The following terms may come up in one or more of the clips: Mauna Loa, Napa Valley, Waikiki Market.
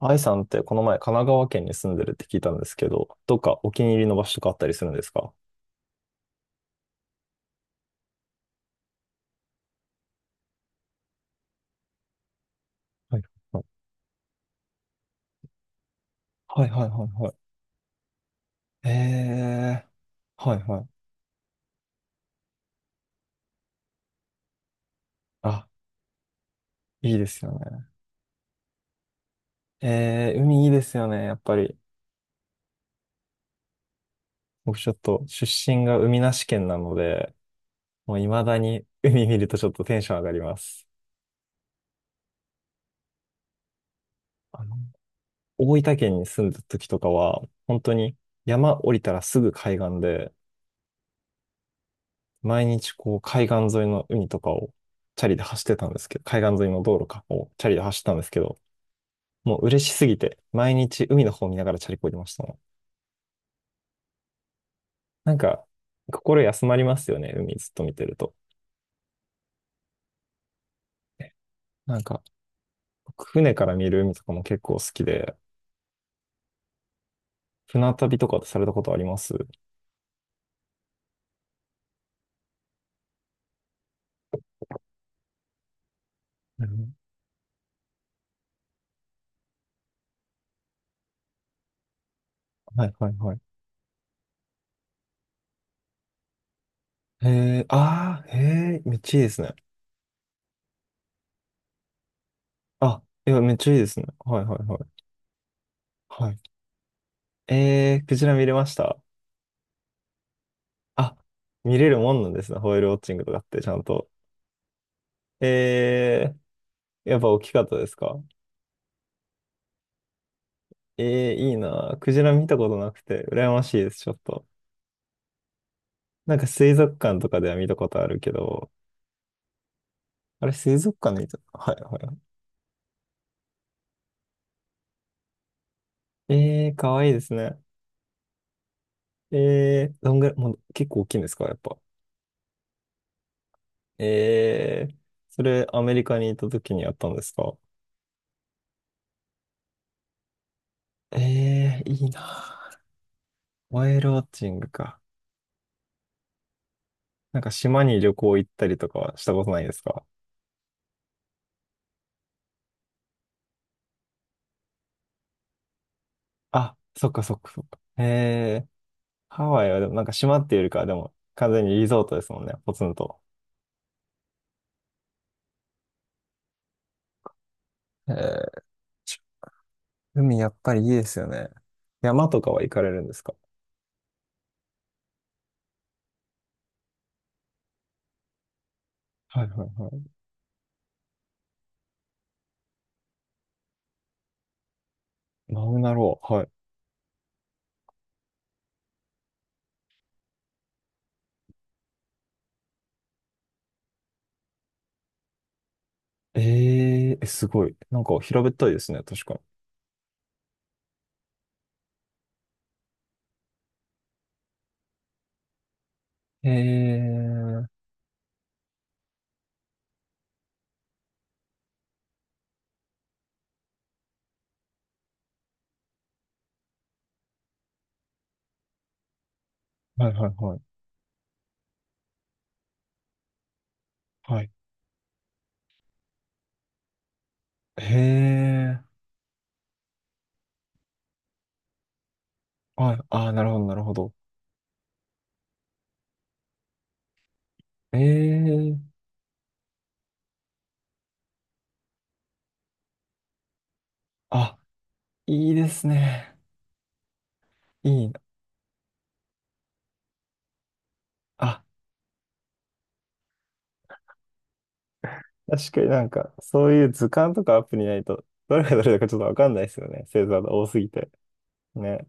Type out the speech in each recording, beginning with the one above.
愛さんってこの前神奈川県に住んでるって聞いたんですけど、どっかお気に入りの場所とかあったりするんですか？はいはいはいはい。はいい。はいはい。あ、いいですよね。海いいですよね、やっぱり。僕ちょっと出身が海なし県なので、もう未だに海見るとちょっとテンション上がります。あの、大分県に住んだ時とかは、本当に山降りたらすぐ海岸で、毎日こう海岸沿いの海とかをチャリで走ってたんですけど、海岸沿いの道路かをチャリで走ってたんですけど、もう嬉しすぎて、毎日海の方見ながらチャリこいでましたね。なんか、心休まりますよね、海ずっと見てると。なんか、僕船から見る海とかも結構好きで、船旅とかされたことあります？うん、はいはいはい。へえ、ああ、へえ、めっちゃいいですね。あ、いや、めっちゃいいですね。はいはいはい。はい。クジラ見れました？あ、見れるもんなんですね。ホエールウォッチングとかってちゃんと。えやっぱ大きかったですか？いいな。クジラ見たことなくて、羨ましいです、ちょっと。なんか水族館とかでは見たことあるけど、あれ水族館で見たはいはい。かわいいですね。どんぐらい、もう結構大きいんですかやっぱ。えー、それアメリカに行った時にやったんですか？いいな。ホエールウォッチングか。なんか島に旅行行ったりとかはしたことないですか？あ、そっかそっかそっか。へえ、ハワイはでもなんか島っていうよりかはでも完全にリゾートですもんね、ポツンと。へえ、海やっぱりいいですよね。山とかは行かれるんですか？はいはいはい。マウナロア、はい。えーえ、すごい。なんか平べったいですね、確かに。えー、はいはいはい。はい。へー、はい。ああ、なるほどなるほど。えー、あ、いいですね。いいな。あ、確かになんか、そういう図鑑とかアプリないと、どれがどれだかちょっとわかんないですよね。星座が多すぎて。ね。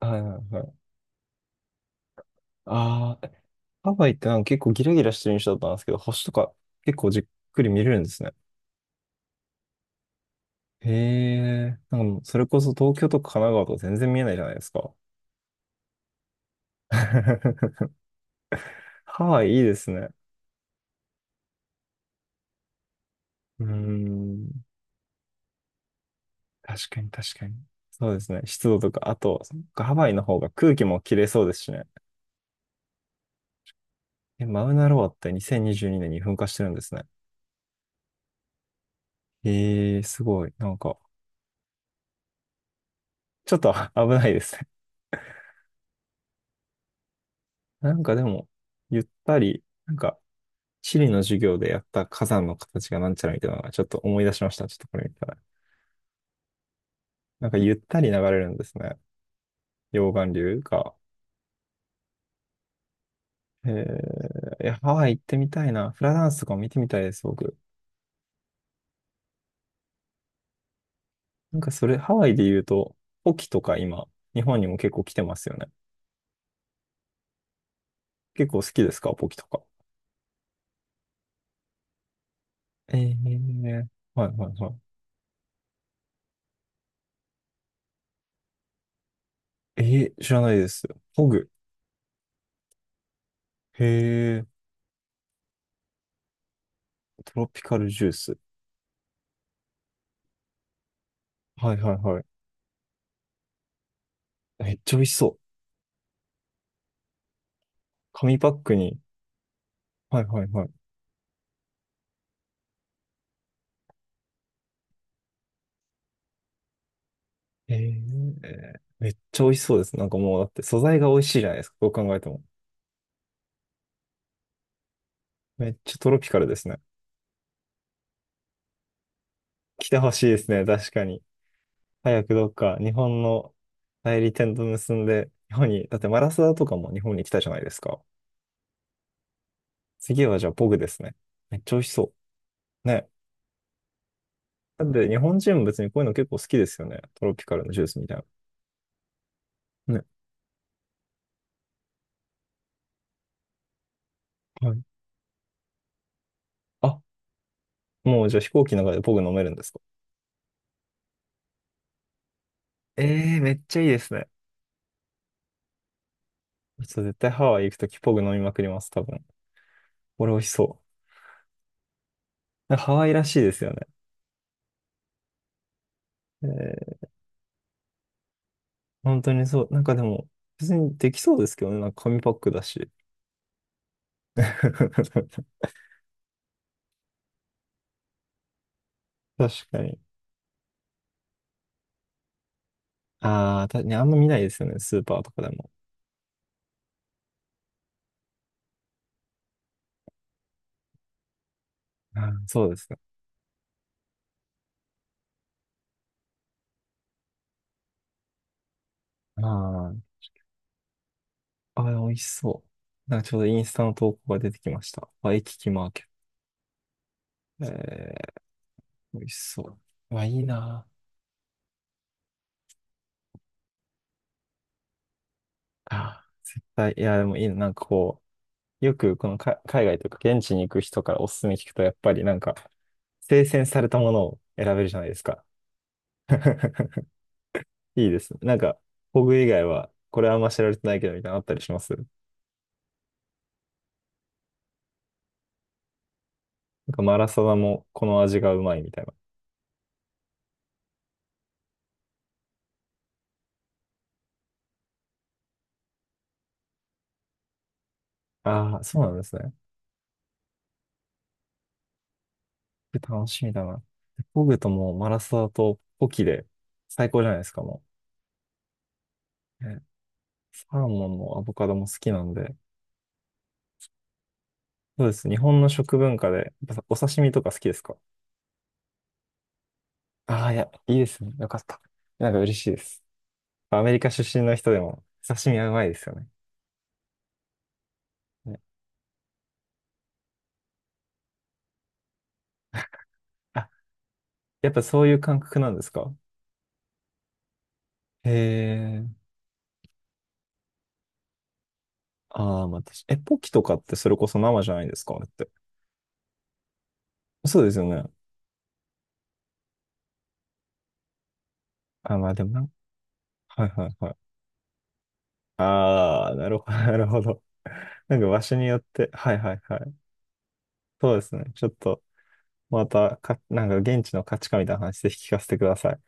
はいはいはい。ああ、ハワイってなんか結構ギラギラしてる印象だったんですけど、星とか結構じっくり見れるんですね。へえ、なんかもうそれこそ東京とか神奈川とか全然見えないじゃないですか。ハワイいいですね。うーん、確かに確かに。そうですね。湿度とか、あと、そっかハワイの方が空気も綺麗そうですしね。え、マウナロアって2022年にじゅうにねんに噴火してるんですね。ええ、すごい。なんか、ちょっと 危ないですね。なんかでも、ゆったり、なんか、地理の授業でやった火山の形がなんちゃらみたいなのがちょっと思い出しました。ちょっとこれ見たら。なんかゆったり流れるんですね。溶岩流が。ええ、いや、ハワイ行ってみたいな。フラダンスとかも見てみたいです、僕。なんかそれ、ハワイで言うと、ポキとか今、日本にも結構来てますよね。結構好きですか、ポキとか。ええ、はいはいはい。ええ、知らないです。ホグ。へえ、トロピカルジュース。はいはいはい。めっちゃ美味しそう。紙パックに。はいはいはい。えー、めっちゃ美味しそうです。なんかもうだって素材が美味しいじゃないですか。どう考えても。めっちゃトロピカルですね。来てほしいですね。確かに。早くどっか日本の代理店と結んで、日本に、だってマラサダとかも日本に来たじゃないですか。次はじゃあポグですね。めっちゃ美味しそう。ね。だって日本人も別にこういうの結構好きですよね。トロピカルのジュースみたいな。ね。はい。あ、もうじゃあ飛行機の中でポグ飲めるんですか？ええー、めっちゃいいですね。ちょっと絶対ハワイ行くときポグ飲みまくります、多分。これ美味しそう。なんかハワイらしいですよね。えー、本当にそう。なんかでも、別にできそうですけどね。なんか紙パックだし。確かに。ああ、確かにあんま見ないですよね。スーパーとかでも。あー、そうですね。あー、あー、美味しそう。なんかちょうどインスタの投稿が出てきました。ワイキキマーケット。美味しそう。うわ、いいなあ。あー、いや、でもいいな。なんかこう、よくこのか海外というか現地に行く人からおすすめ聞くと、やっぱりなんか、精選されたものを選べるじゃないですか。いいですね。なんか、ホグ以外は、これはあんま知られてないけどみたいなのあったりします。なんかマラサダもこの味がうまいみたいな。ああ、そうなんですね。楽しみだな。ホグともうマラサダとポキで最高じゃないですか、もう。ね、サーモンもアボカドも好きなんで。そうです。日本の食文化で、やっぱお刺身とか好きですか？ああー、いや、いいですね。よかった。なんか嬉しいです。アメリカ出身の人でも刺身はうまいですよね。ね。あ、やっぱそういう感覚なんですか？へえ。ああ、まあ、確かえ、ポキとかってそれこそ生じゃないんですかあれって。そうですよね。あ、まあでもな、はいはいはい。ああ、なるほど、なるほど。なんか場所によって、はいはいはい。そうですね。ちょっと、またか、なんか現地の価値観みたいな話ぜひ聞かせてください。